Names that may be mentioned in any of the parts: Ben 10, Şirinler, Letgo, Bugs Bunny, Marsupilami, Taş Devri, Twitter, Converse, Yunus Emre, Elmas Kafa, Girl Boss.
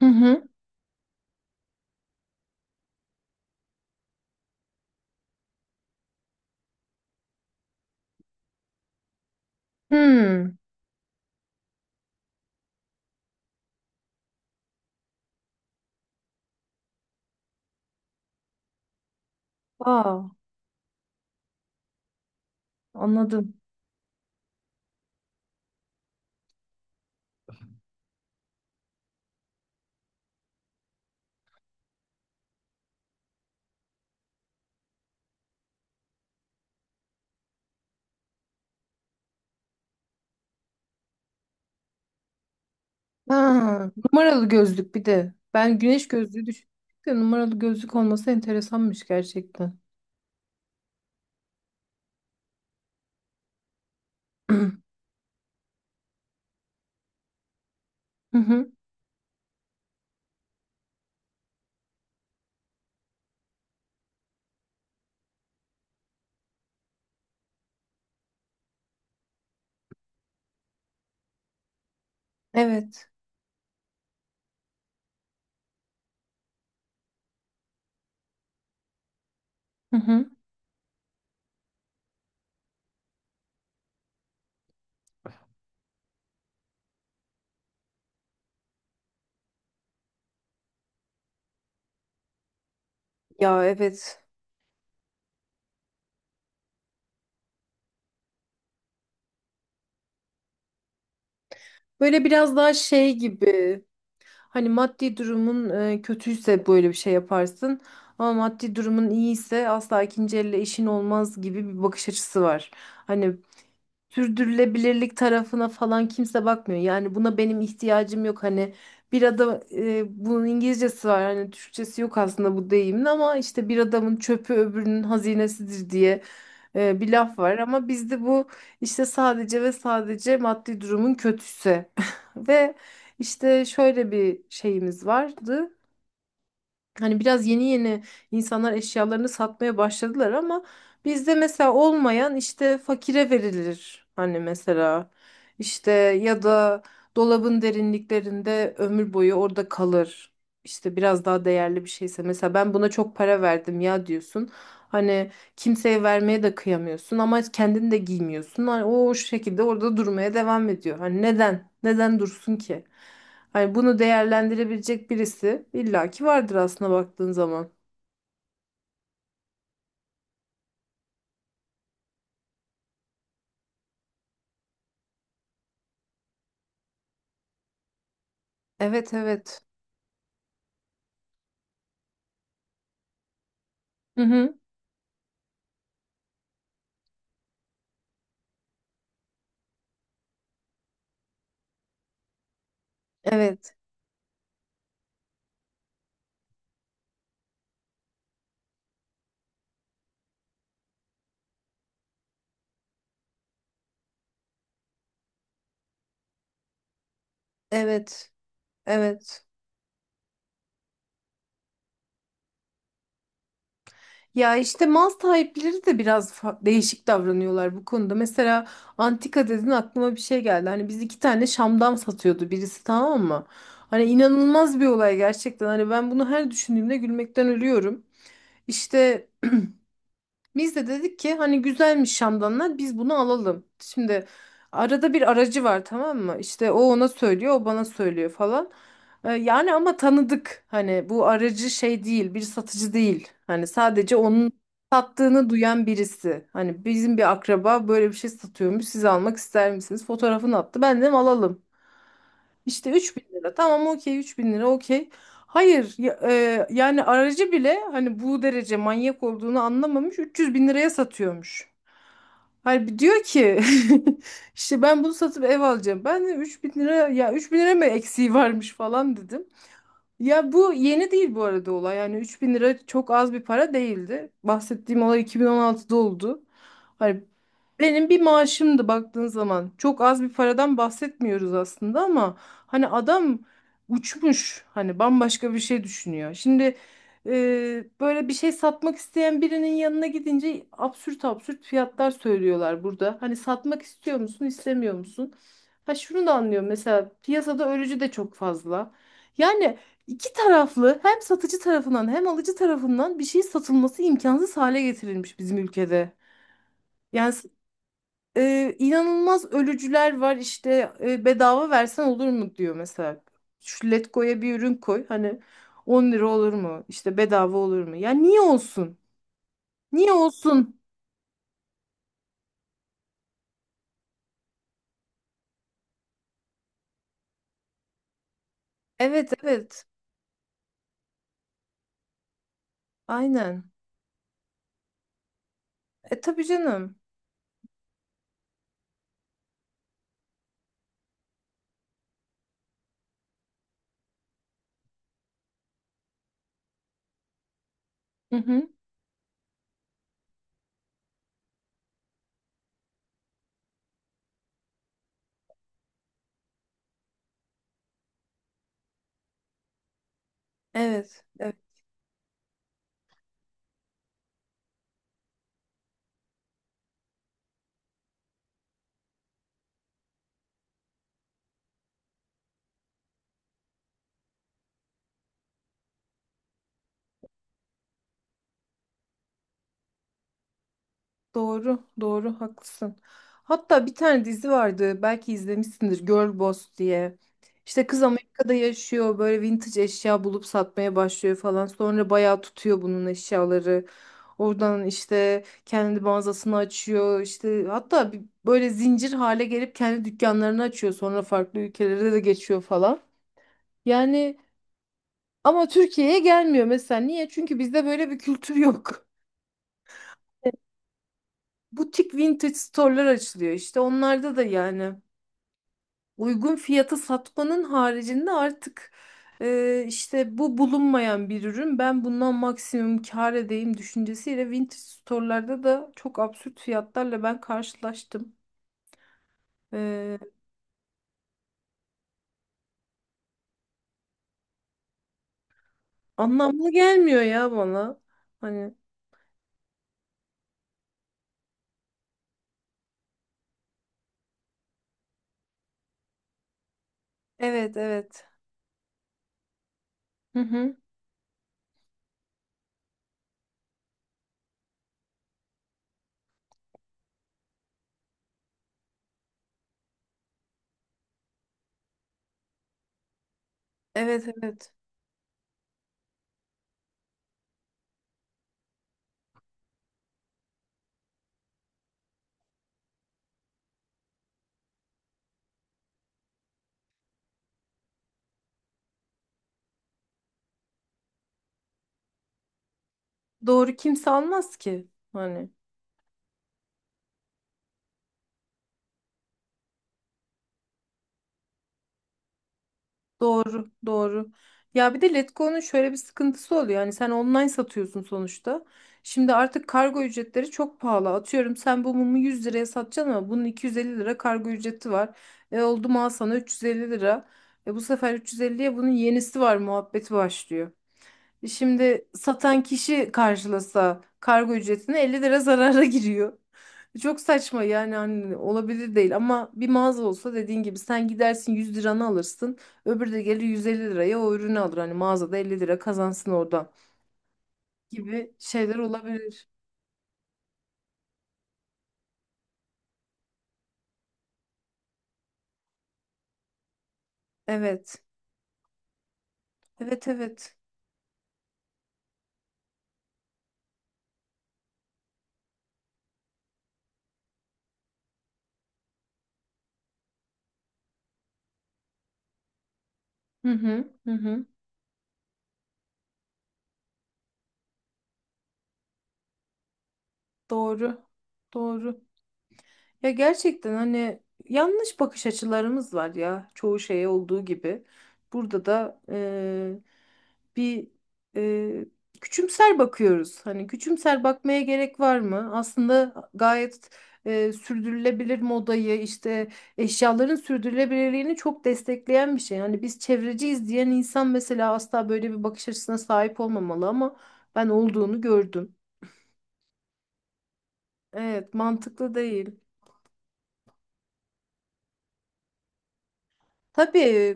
Hı hı. Hmm. Aa, anladım. Ha, numaralı gözlük bir de. Ben güneş gözlüğü düşündüm. De numaralı gözlük olması enteresanmış gerçekten. Hı hı. Evet. Hı hı. Ya evet. Böyle biraz daha şey gibi. Hani maddi durumun kötüyse böyle bir şey yaparsın. Ama maddi durumun iyiyse asla ikinci elle işin olmaz gibi bir bakış açısı var. Hani sürdürülebilirlik tarafına falan kimse bakmıyor. Yani buna benim ihtiyacım yok. Hani bir adam bunun İngilizcesi var. Hani Türkçesi yok aslında bu deyimin ama işte bir adamın çöpü öbürünün hazinesidir diye bir laf var ama bizde bu işte sadece ve sadece maddi durumun kötüsü. Ve işte şöyle bir şeyimiz vardı. Hani biraz yeni yeni insanlar eşyalarını satmaya başladılar ama bizde mesela olmayan işte fakire verilir. Hani mesela işte ya da dolabın derinliklerinde ömür boyu orada kalır. İşte biraz daha değerli bir şeyse mesela ben buna çok para verdim ya diyorsun. Hani kimseye vermeye de kıyamıyorsun ama kendin de giymiyorsun. Hani o şekilde orada durmaya devam ediyor. Hani neden? Neden dursun ki? Hani bunu değerlendirebilecek birisi illaki vardır aslında baktığın zaman. Evet, evet. Hı hı. Evet. Evet. Evet. Ya işte mal sahipleri de biraz değişik davranıyorlar bu konuda. Mesela antika dedin aklıma bir şey geldi. Hani biz iki tane şamdan satıyordu birisi, tamam mı? Hani inanılmaz bir olay gerçekten. Hani ben bunu her düşündüğümde gülmekten ölüyorum. İşte biz de dedik ki hani güzelmiş şamdanlar, biz bunu alalım. Şimdi arada bir aracı var, tamam mı? İşte o ona söylüyor, o bana söylüyor falan. Yani ama tanıdık, hani bu aracı şey değil, bir satıcı değil. Hani sadece onun sattığını duyan birisi. Hani bizim bir akraba böyle bir şey satıyormuş, siz almak ister misiniz? Fotoğrafını attı, ben dedim alalım. İşte 3.000 lira, tamam, okey, 3.000 lira, okey. Hayır ya- e, yani aracı bile hani bu derece manyak olduğunu anlamamış, 300 bin liraya satıyormuş. Hani diyor ki işte ben bunu satıp ev alacağım. Ben de 3.000 lira, ya 3.000 lira mı eksiği varmış falan dedim. Ya bu yeni değil bu arada olay. Yani 3.000 lira çok az bir para değildi. Bahsettiğim olay 2016'da oldu. Hani benim bir maaşımdı baktığın zaman. Çok az bir paradan bahsetmiyoruz aslında ama hani adam uçmuş. Hani bambaşka bir şey düşünüyor. Şimdi böyle bir şey satmak isteyen birinin yanına gidince absürt absürt fiyatlar söylüyorlar burada. Hani satmak istiyor musun, istemiyor musun? Ha şunu da anlıyorum, mesela piyasada ölücü de çok fazla. Yani İki taraflı, hem satıcı tarafından hem alıcı tarafından bir şey satılması imkansız hale getirilmiş bizim ülkede. Yani s- inanılmaz ölücüler var, işte bedava versen olur mu diyor mesela. Şu Letgo'ya bir ürün koy, hani 10 lira olur mu? İşte bedava olur mu? Ya niye olsun? Niye olsun? Evet, evet, aynen. E tabii canım. Hı hı. Evet. Evet. Doğru, doğru, haklısın. Hatta bir tane dizi vardı, belki izlemişsindir, Girl Boss diye. İşte kız Amerika'da yaşıyor, böyle vintage eşya bulup satmaya başlıyor falan. Sonra bayağı tutuyor bunun eşyaları. Oradan işte kendi mağazasını açıyor. İşte hatta böyle zincir hale gelip kendi dükkanlarını açıyor. Sonra farklı ülkelere de geçiyor falan. Yani ama Türkiye'ye gelmiyor mesela. Niye? Çünkü bizde böyle bir kültür yok. Butik vintage store'lar açılıyor işte. Onlarda da yani uygun fiyata satmanın haricinde artık işte bu bulunmayan bir ürün, ben bundan maksimum kâr edeyim düşüncesiyle vintage store'larda da çok absürt fiyatlarla ben karşılaştım. E, anlamlı gelmiyor ya bana. Hani evet, evet. Hı hı. Evet, evet. Doğru, kimse almaz ki. Hani. Doğru, doğru. Ya bir de Letgo'nun şöyle bir sıkıntısı oluyor. Yani sen online satıyorsun sonuçta. Şimdi artık kargo ücretleri çok pahalı. Atıyorum sen bu mumu 100 liraya satacaksın ama bunun 250 lira kargo ücreti var. E oldu mu, al sana 350 lira. E bu sefer 350'ye bunun yenisi var muhabbeti başlıyor. Şimdi satan kişi karşılasa kargo ücretine 50 lira zarara giriyor. Çok saçma yani, hani olabilir değil ama bir mağaza olsa dediğin gibi sen gidersin 100 liranı alırsın. Öbürü de gelir 150 liraya o ürünü alır. Hani mağazada 50 lira kazansın oradan gibi şeyler olabilir. Evet. Evet, evet. Hı hı. Hı hı. Doğru. Doğru. Ya gerçekten hani yanlış bakış açılarımız var ya, çoğu şeye olduğu gibi. Burada da bir eee, küçümser bakıyoruz. Hani küçümser bakmaya gerek var mı? Aslında gayet sürdürülebilir modayı, işte eşyaların sürdürülebilirliğini çok destekleyen bir şey. Hani biz çevreciyiz diyen insan mesela asla böyle bir bakış açısına sahip olmamalı ama ben olduğunu gördüm. Evet, mantıklı değil. Tabii.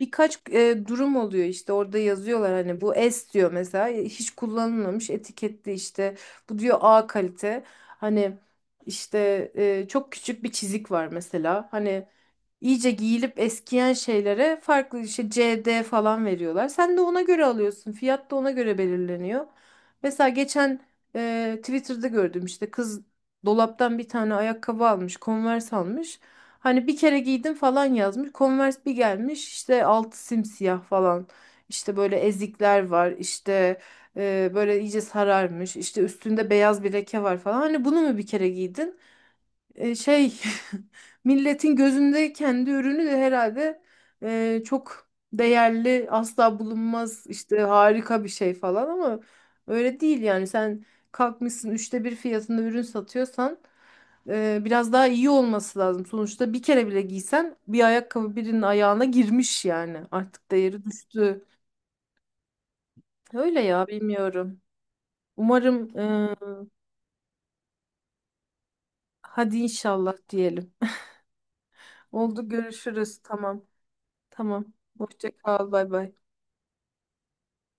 Birkaç durum oluyor işte, orada yazıyorlar hani, bu S diyor mesela, hiç kullanılmamış etiketli işte, bu diyor A kalite hani, işte çok küçük bir çizik var mesela, hani İyice giyilip eskiyen şeylere farklı işte CD falan veriyorlar. Sen de ona göre alıyorsun. Fiyat da ona göre belirleniyor. Mesela geçen Twitter'da gördüm, işte kız dolaptan bir tane ayakkabı almış, Converse almış. Hani bir kere giydim falan yazmış. Converse bir gelmiş, işte altı simsiyah falan. İşte böyle ezikler var. İşte böyle iyice sararmış. İşte üstünde beyaz bir leke var falan. Hani bunu mu bir kere giydin? e, şey milletin gözünde kendi ürünü de herhalde çok değerli, asla bulunmaz, işte harika bir şey falan ama öyle değil yani. Sen kalkmışsın 1/3 fiyatında ürün satıyorsan biraz daha iyi olması lazım. Sonuçta bir kere bile giysen bir ayakkabı birinin ayağına girmiş, yani artık değeri düştü. Öyle ya, bilmiyorum. Umarım. Hadi inşallah diyelim. Oldu, görüşürüz, tamam. Tamam. Hoşça kal. Bay bay.